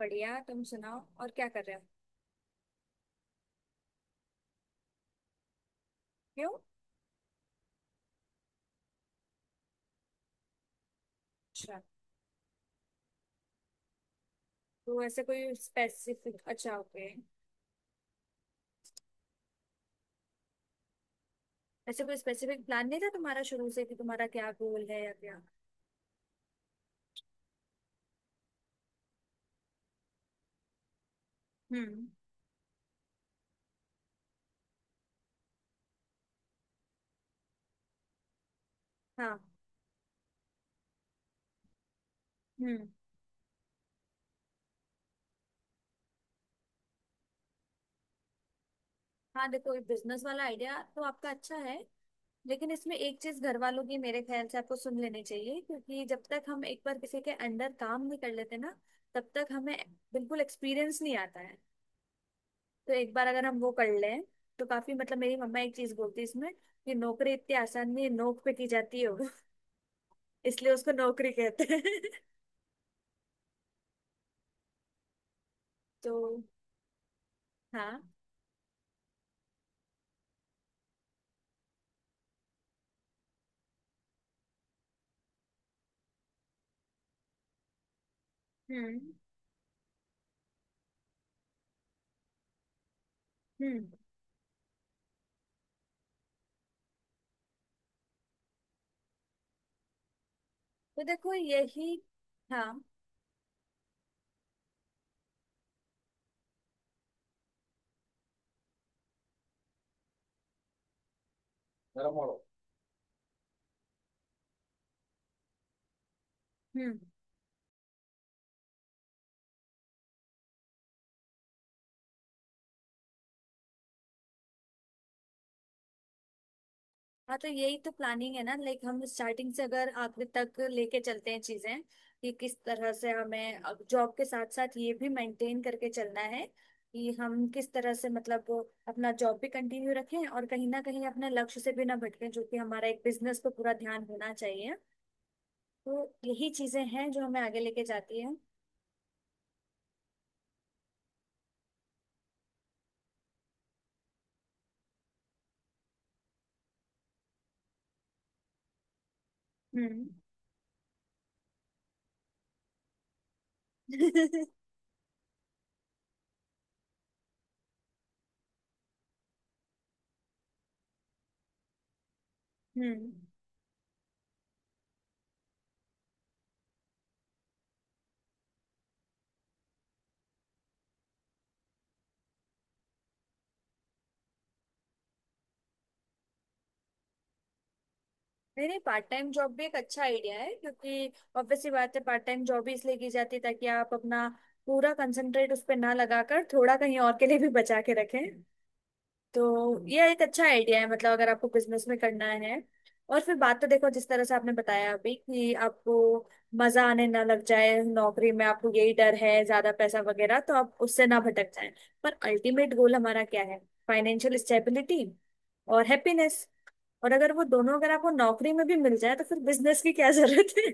बढ़िया, तुम सुनाओ और क्या कर रहे हो। क्यों? अच्छा। तो ऐसे कोई स्पेसिफिक, अच्छा ओके। ऐसे कोई स्पेसिफिक प्लान नहीं था तुम्हारा शुरू से कि तुम्हारा क्या गोल है या क्या? हम्म। हाँ। हम्म। हाँ देखो, ये बिजनेस वाला आइडिया तो आपका अच्छा है, लेकिन इसमें एक चीज घर वालों की मेरे ख्याल से आपको सुन लेनी चाहिए, क्योंकि जब तक हम एक बार किसी के अंडर काम नहीं कर लेते ना, तब तक हमें बिल्कुल एक्सपीरियंस नहीं आता है। तो एक बार अगर हम वो कर लें, तो काफी मतलब, मेरी मम्मा एक चीज बोलती है इसमें कि नौकरी इतनी आसान नहीं है, नोक पे की जाती है वो। इसलिए उसको नौकरी कहते हैं। तो हाँ। हम्म। हम्म। तो देखो यही, हाँ, हम्म, हाँ तो यही तो प्लानिंग है ना, लाइक हम स्टार्टिंग से अगर आखिर तक लेके चलते हैं चीजें, कि किस तरह से हमें जॉब के साथ साथ ये भी मेंटेन करके चलना है, कि हम किस तरह से मतलब अपना जॉब भी कंटिन्यू रखें और कहीं ना कहीं अपने लक्ष्य से भी ना भटकें, जो कि हमारा एक बिजनेस पे पूरा ध्यान होना चाहिए। तो यही चीजें हैं जो हमें आगे लेके जाती है। हम्म। हम्म। हम्म। नहीं नहीं, पार्ट टाइम जॉब भी एक अच्छा आइडिया है, क्योंकि obvious सी बात है, पार्ट टाइम जॉब भी इसलिए की जाती है ताकि आप अपना पूरा कंसंट्रेट उस पर ना लगाकर थोड़ा कहीं और के लिए भी बचा के रखें। तो यह एक अच्छा आइडिया है, मतलब अगर आपको बिजनेस में करना है। और फिर बात तो देखो, जिस तरह से आपने बताया अभी कि आपको मजा आने ना लग जाए नौकरी में, आपको यही डर है ज्यादा पैसा वगैरह तो आप उससे ना भटक जाए। पर अल्टीमेट गोल हमारा क्या है? फाइनेंशियल स्टेबिलिटी और हैप्पीनेस। और अगर वो दोनों अगर आपको नौकरी में भी मिल जाए, तो फिर बिजनेस की क्या जरूरत है?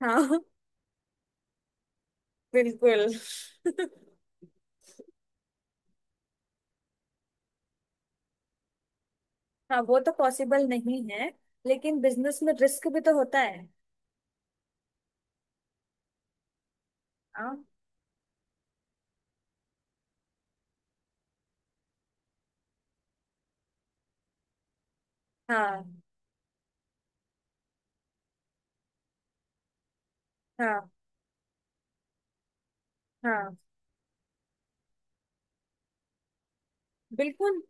हाँ, बिल्कुल। हाँ वो तो पॉसिबल नहीं है, लेकिन बिजनेस में रिस्क भी तो होता है। हाँ। हाँ। हाँ। हाँ। बिल्कुल।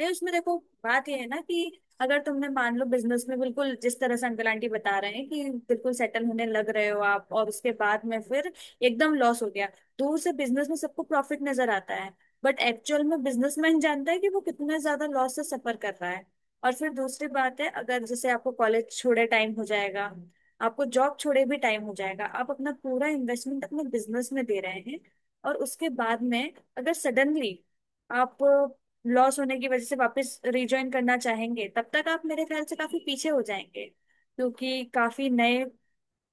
नहीं, उसमें देखो, बात ये है ना, कि अगर तुमने मान लो बिजनेस में बिल्कुल जिस तरह से अंकल आंटी बता रहे हैं कि बिल्कुल सेटल होने लग रहे हो आप, और उसके बाद में फिर एकदम लॉस हो गया। दूर से बिजनेस में सबको प्रॉफिट नजर आता है, बट एक्चुअल में बिजनेसमैन जानता है कि वो कितना ज्यादा लॉस से सफर कर रहा है। और फिर दूसरी बात है, अगर जैसे आपको कॉलेज छोड़े टाइम हो जाएगा, आपको जॉब छोड़े भी टाइम हो जाएगा, आप अपना पूरा इन्वेस्टमेंट अपने बिजनेस में दे रहे हैं, और उसके बाद में अगर सडनली आप लॉस होने की वजह से वापस रिजॉइन करना चाहेंगे, तब तक आप मेरे ख्याल से काफी पीछे हो जाएंगे, क्योंकि काफी नए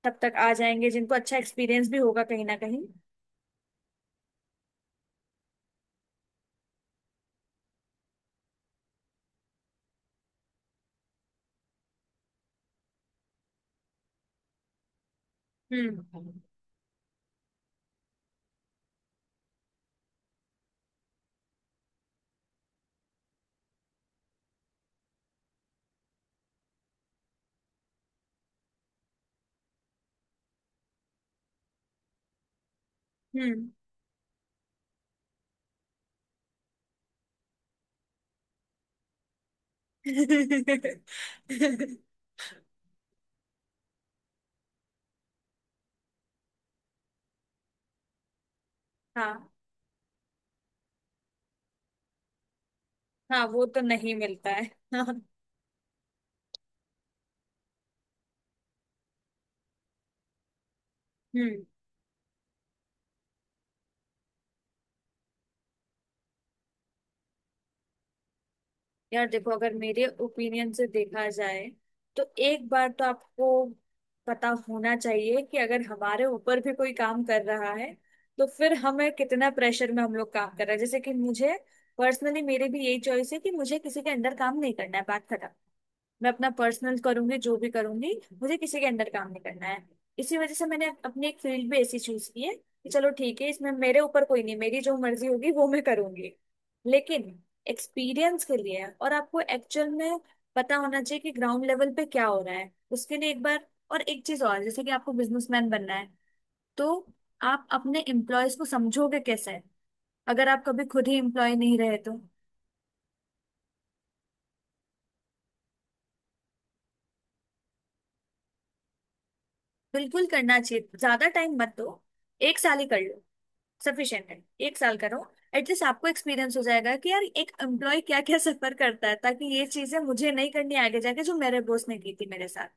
तब तक आ जाएंगे जिनको अच्छा एक्सपीरियंस भी होगा कहीं ना कहीं। हम्म। हम्म। हाँ। हाँ वो तो नहीं मिलता है। हाँ। हम्म। यार देखो, अगर मेरे ओपिनियन से देखा जाए, तो एक बार तो आपको पता होना चाहिए कि अगर हमारे ऊपर भी कोई काम कर रहा है, तो फिर हमें कितना प्रेशर में हम लोग काम कर रहे हैं, जैसे कि मुझे पर्सनली, मेरी भी यही चॉइस है कि मुझे किसी के अंडर काम नहीं करना है, बात खत्म। मैं अपना पर्सनल करूंगी, जो भी करूंगी, मुझे किसी के अंडर काम नहीं करना है। इसी वजह से मैंने अपनी एक फील्ड भी ऐसी चूज की है, कि चलो ठीक है, इसमें मेरे ऊपर कोई नहीं, मेरी जो मर्जी होगी वो मैं करूंगी। लेकिन एक्सपीरियंस के लिए, और आपको एक्चुअल में पता होना चाहिए कि ग्राउंड लेवल पे क्या हो रहा है, उसके लिए एक बार। और एक चीज और, जैसे कि आपको बिजनेसमैन बनना है, तो आप अपने एम्प्लॉयज को समझोगे कैसे अगर आप कभी खुद ही एम्प्लॉय नहीं रहे तो? बिल्कुल करना चाहिए, ज्यादा टाइम मत दो, एक साल ही कर लो, सफिशिएंट है। एक साल करो, एटलीस्ट आपको एक्सपीरियंस हो जाएगा कि यार एक एम्प्लॉय क्या क्या सफर करता है, ताकि ये चीजें मुझे नहीं करनी आगे जाके जो मेरे बॉस ने की थी मेरे साथ।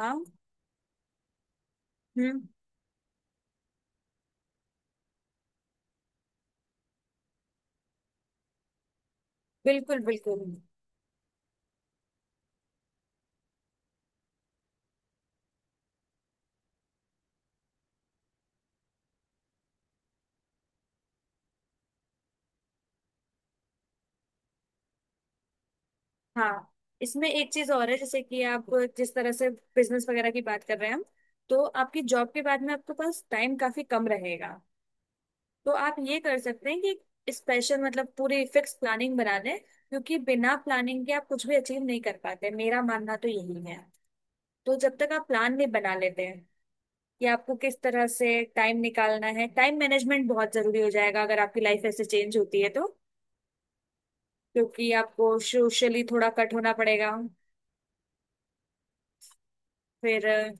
हाँ। हम्म। बिल्कुल बिल्कुल। हाँ इसमें एक चीज और है, जैसे कि आप जिस तरह से बिजनेस वगैरह की बात कर रहे हैं हम, तो आपकी जॉब के बाद में आपके पास टाइम काफी कम रहेगा। तो आप ये कर सकते हैं कि स्पेशल मतलब पूरी फिक्स प्लानिंग बना लें, क्योंकि बिना प्लानिंग के आप कुछ भी अचीव नहीं कर पाते, मेरा मानना तो यही है। तो जब तक आप प्लान नहीं बना लेते हैं कि आपको किस तरह से टाइम निकालना है, टाइम मैनेजमेंट बहुत जरूरी हो जाएगा अगर आपकी लाइफ ऐसे चेंज होती है तो, क्योंकि आपको सोशली थोड़ा कट होना पड़ेगा। फिर अ,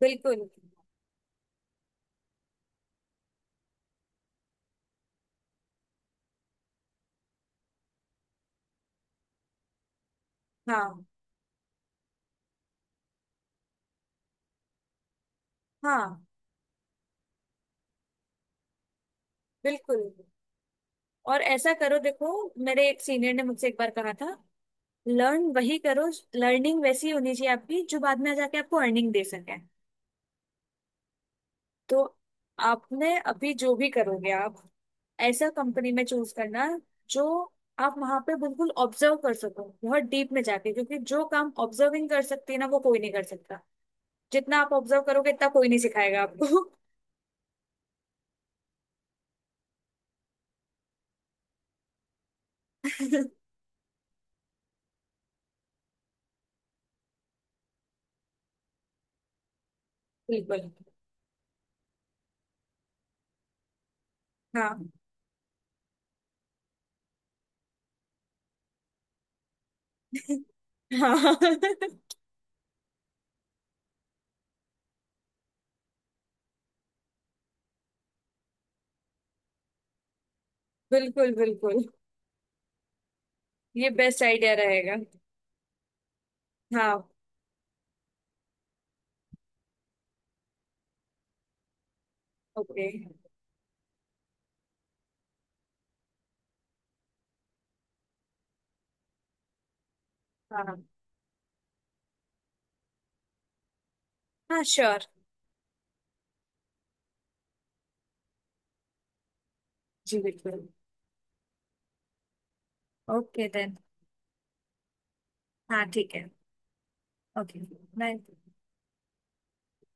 बिल्कुल। हाँ। हाँ बिल्कुल। और ऐसा करो देखो, मेरे एक सीनियर ने मुझसे एक बार कहा था, लर्न वही करो, लर्निंग वैसी होनी चाहिए आपकी जो बाद में जाके आपको अर्निंग दे सके। तो आपने अभी जो भी करोगे आप, ऐसा कंपनी में चूज करना जो आप वहां पे बिल्कुल ऑब्जर्व कर सको बहुत डीप में जाके, क्योंकि जो काम ऑब्जर्विंग कर सकती है ना, वो कोई नहीं कर सकता। जितना आप ऑब्जर्व करोगे इतना कोई नहीं सिखाएगा आपको। बिल्कुल। हाँ। हाँ। बिल्कुल बिल्कुल। ये बेस्ट आइडिया रहेगा। हाँ। ओके। हाँ। हाँ श्योर। जी बिल्कुल। Okay then. हाँ ठीक है। ओके। बाय।